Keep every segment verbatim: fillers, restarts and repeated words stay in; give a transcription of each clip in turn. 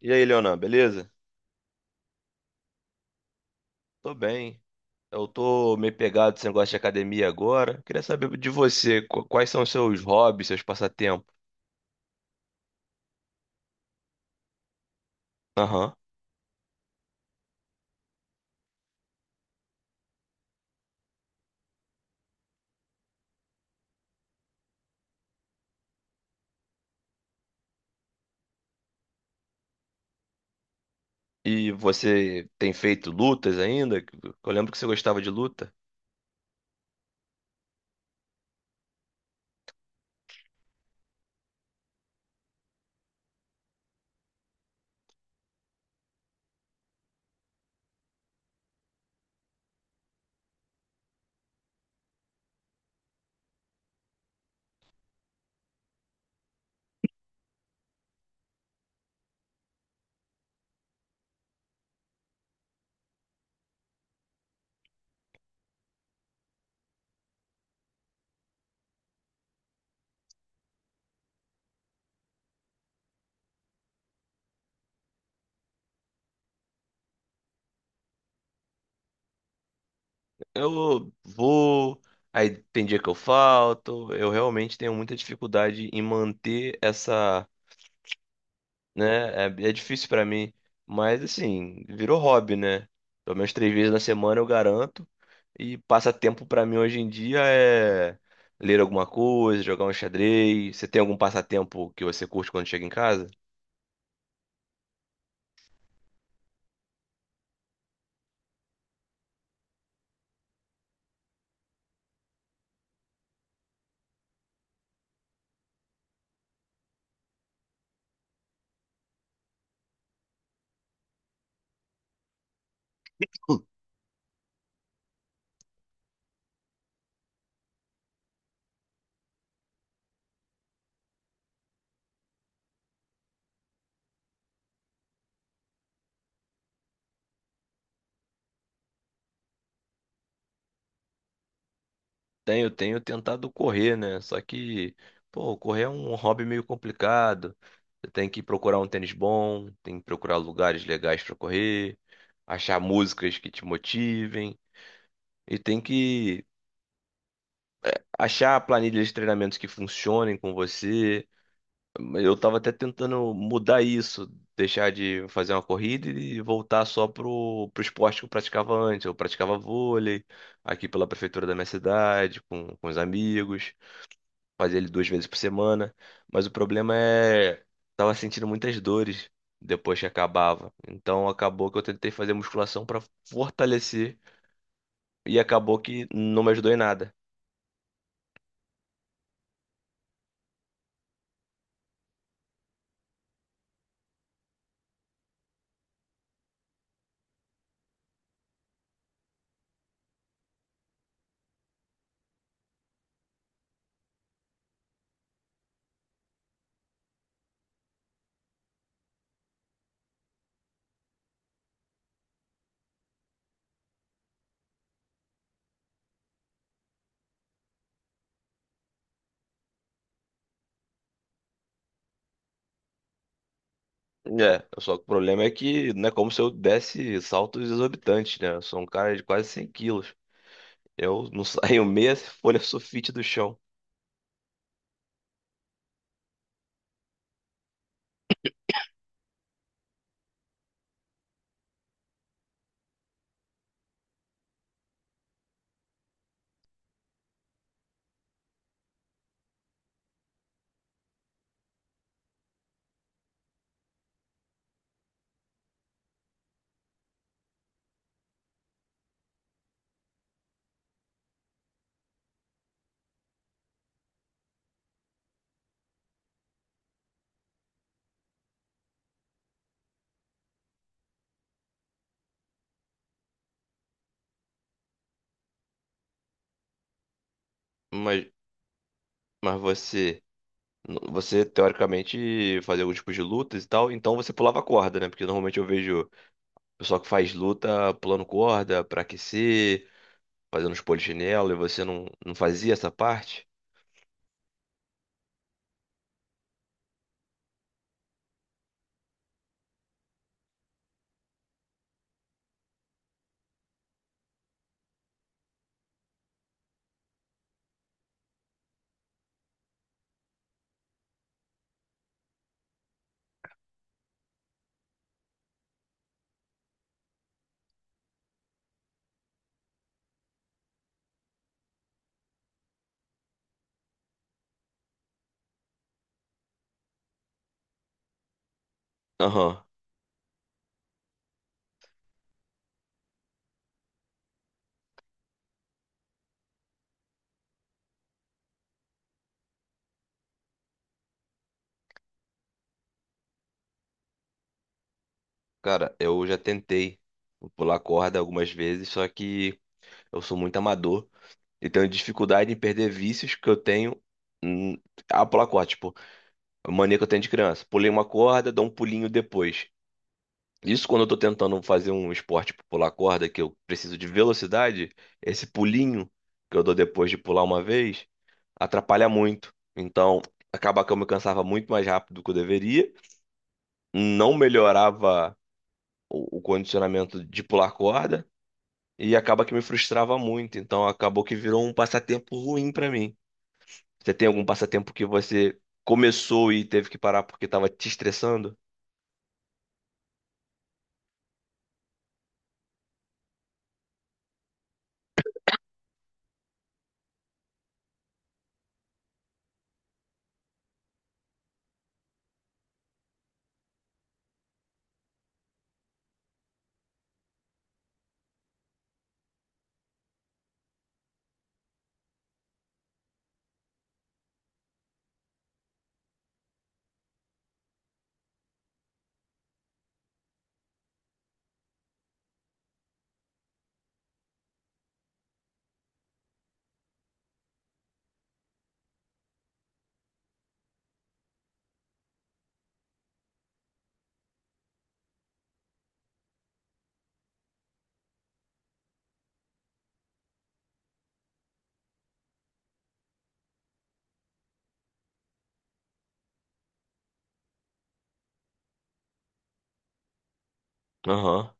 E aí, Leonan, beleza? Tô bem. Eu tô meio pegado nesse negócio de academia agora. Queria saber de você, qu- quais são os seus hobbies, seus passatempos? Aham. E você tem feito lutas ainda? Que- Eu lembro que você gostava de luta. Eu vou, aí tem dia que eu falto. Eu realmente tenho muita dificuldade em manter essa né? É, é difícil pra mim, mas assim, virou hobby, né? Pelo menos três vezes na semana eu garanto. E passatempo pra mim hoje em dia é ler alguma coisa, jogar um xadrez. Você tem algum passatempo que você curte quando chega em casa? Tenho, tenho tentado correr, né? Só que, pô, correr é um hobby meio complicado. Você tem que procurar um tênis bom, tem que procurar lugares legais pra correr, achar músicas que te motivem e tem que achar planilhas de treinamentos que funcionem com você. Eu tava até tentando mudar isso, deixar de fazer uma corrida e voltar só pro, pro esporte que eu praticava antes. Eu praticava vôlei aqui pela prefeitura da minha cidade, com, com os amigos, fazia ele duas vezes por semana. Mas o problema é, tava sentindo muitas dores depois que acabava. Então acabou que eu tentei fazer musculação para fortalecer e acabou que não me ajudou em nada. É, só que o problema é que não é como se eu desse saltos exorbitantes, né? Eu sou um cara de quase cem quilos. Eu não saio meia folha sulfite do chão. Mas, mas você, você teoricamente fazia algum tipo de lutas e tal, então você pulava corda, né? Porque normalmente eu vejo pessoal que faz luta pulando corda pra aquecer, fazendo os polichinelo, e você não, não fazia essa parte? Aham. Cara, eu já tentei pular corda algumas vezes, só que eu sou muito amador. Eu tenho dificuldade em perder vícios que eu tenho hum, ah, pular corda, tipo, a mania que eu tenho de criança. Pulei uma corda, dou um pulinho depois. Isso quando eu tô tentando fazer um esporte tipo pular corda, que eu preciso de velocidade, esse pulinho que eu dou depois de pular uma vez, atrapalha muito. Então, acaba que eu me cansava muito mais rápido do que eu deveria, não melhorava o, o condicionamento de pular corda, e acaba que me frustrava muito. Então, acabou que virou um passatempo ruim pra mim. Você tem algum passatempo que você começou e teve que parar porque tava te estressando? Aham.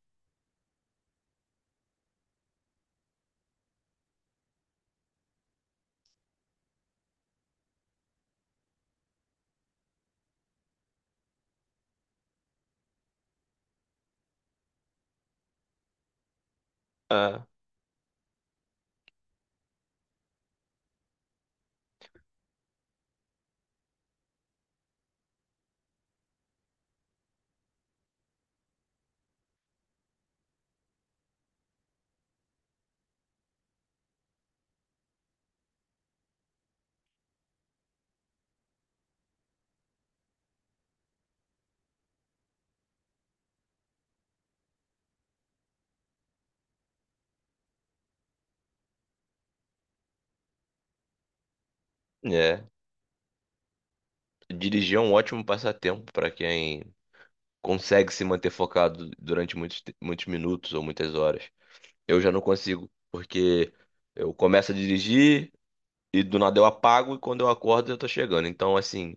É, é. Dirigir é um ótimo passatempo para quem consegue se manter focado durante muitos, te- muitos minutos ou muitas horas. Eu já não consigo, porque eu começo a dirigir e do nada eu apago e quando eu acordo eu tô chegando. Então, assim,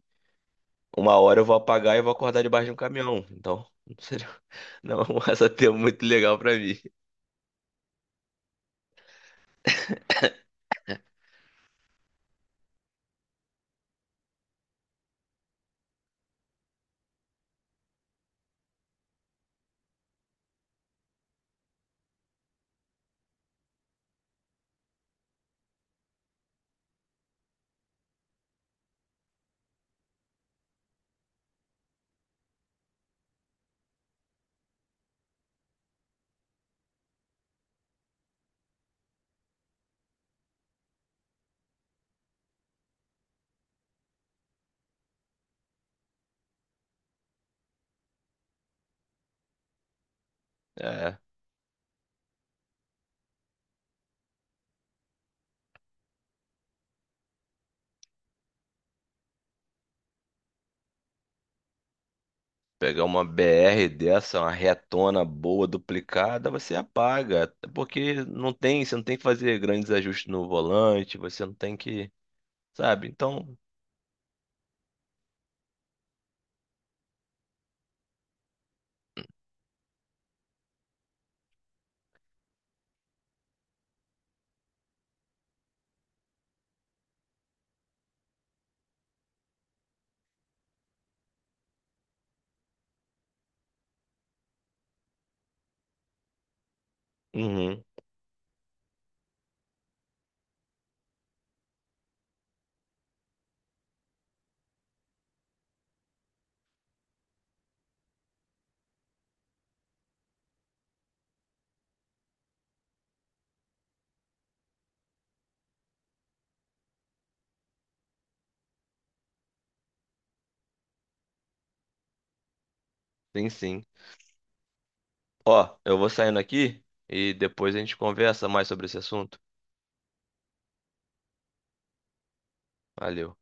uma hora eu vou apagar e vou acordar debaixo de um caminhão. Então, não seria- não é um passatempo muito legal para mim. É. Pegar uma B R dessa, uma retona boa, duplicada, você apaga. Até porque não tem, você não tem que fazer grandes ajustes no volante, você não tem que, sabe? Então, uhum, sim, sim. Ó, eu vou saindo aqui e depois a gente conversa mais sobre esse assunto. Valeu.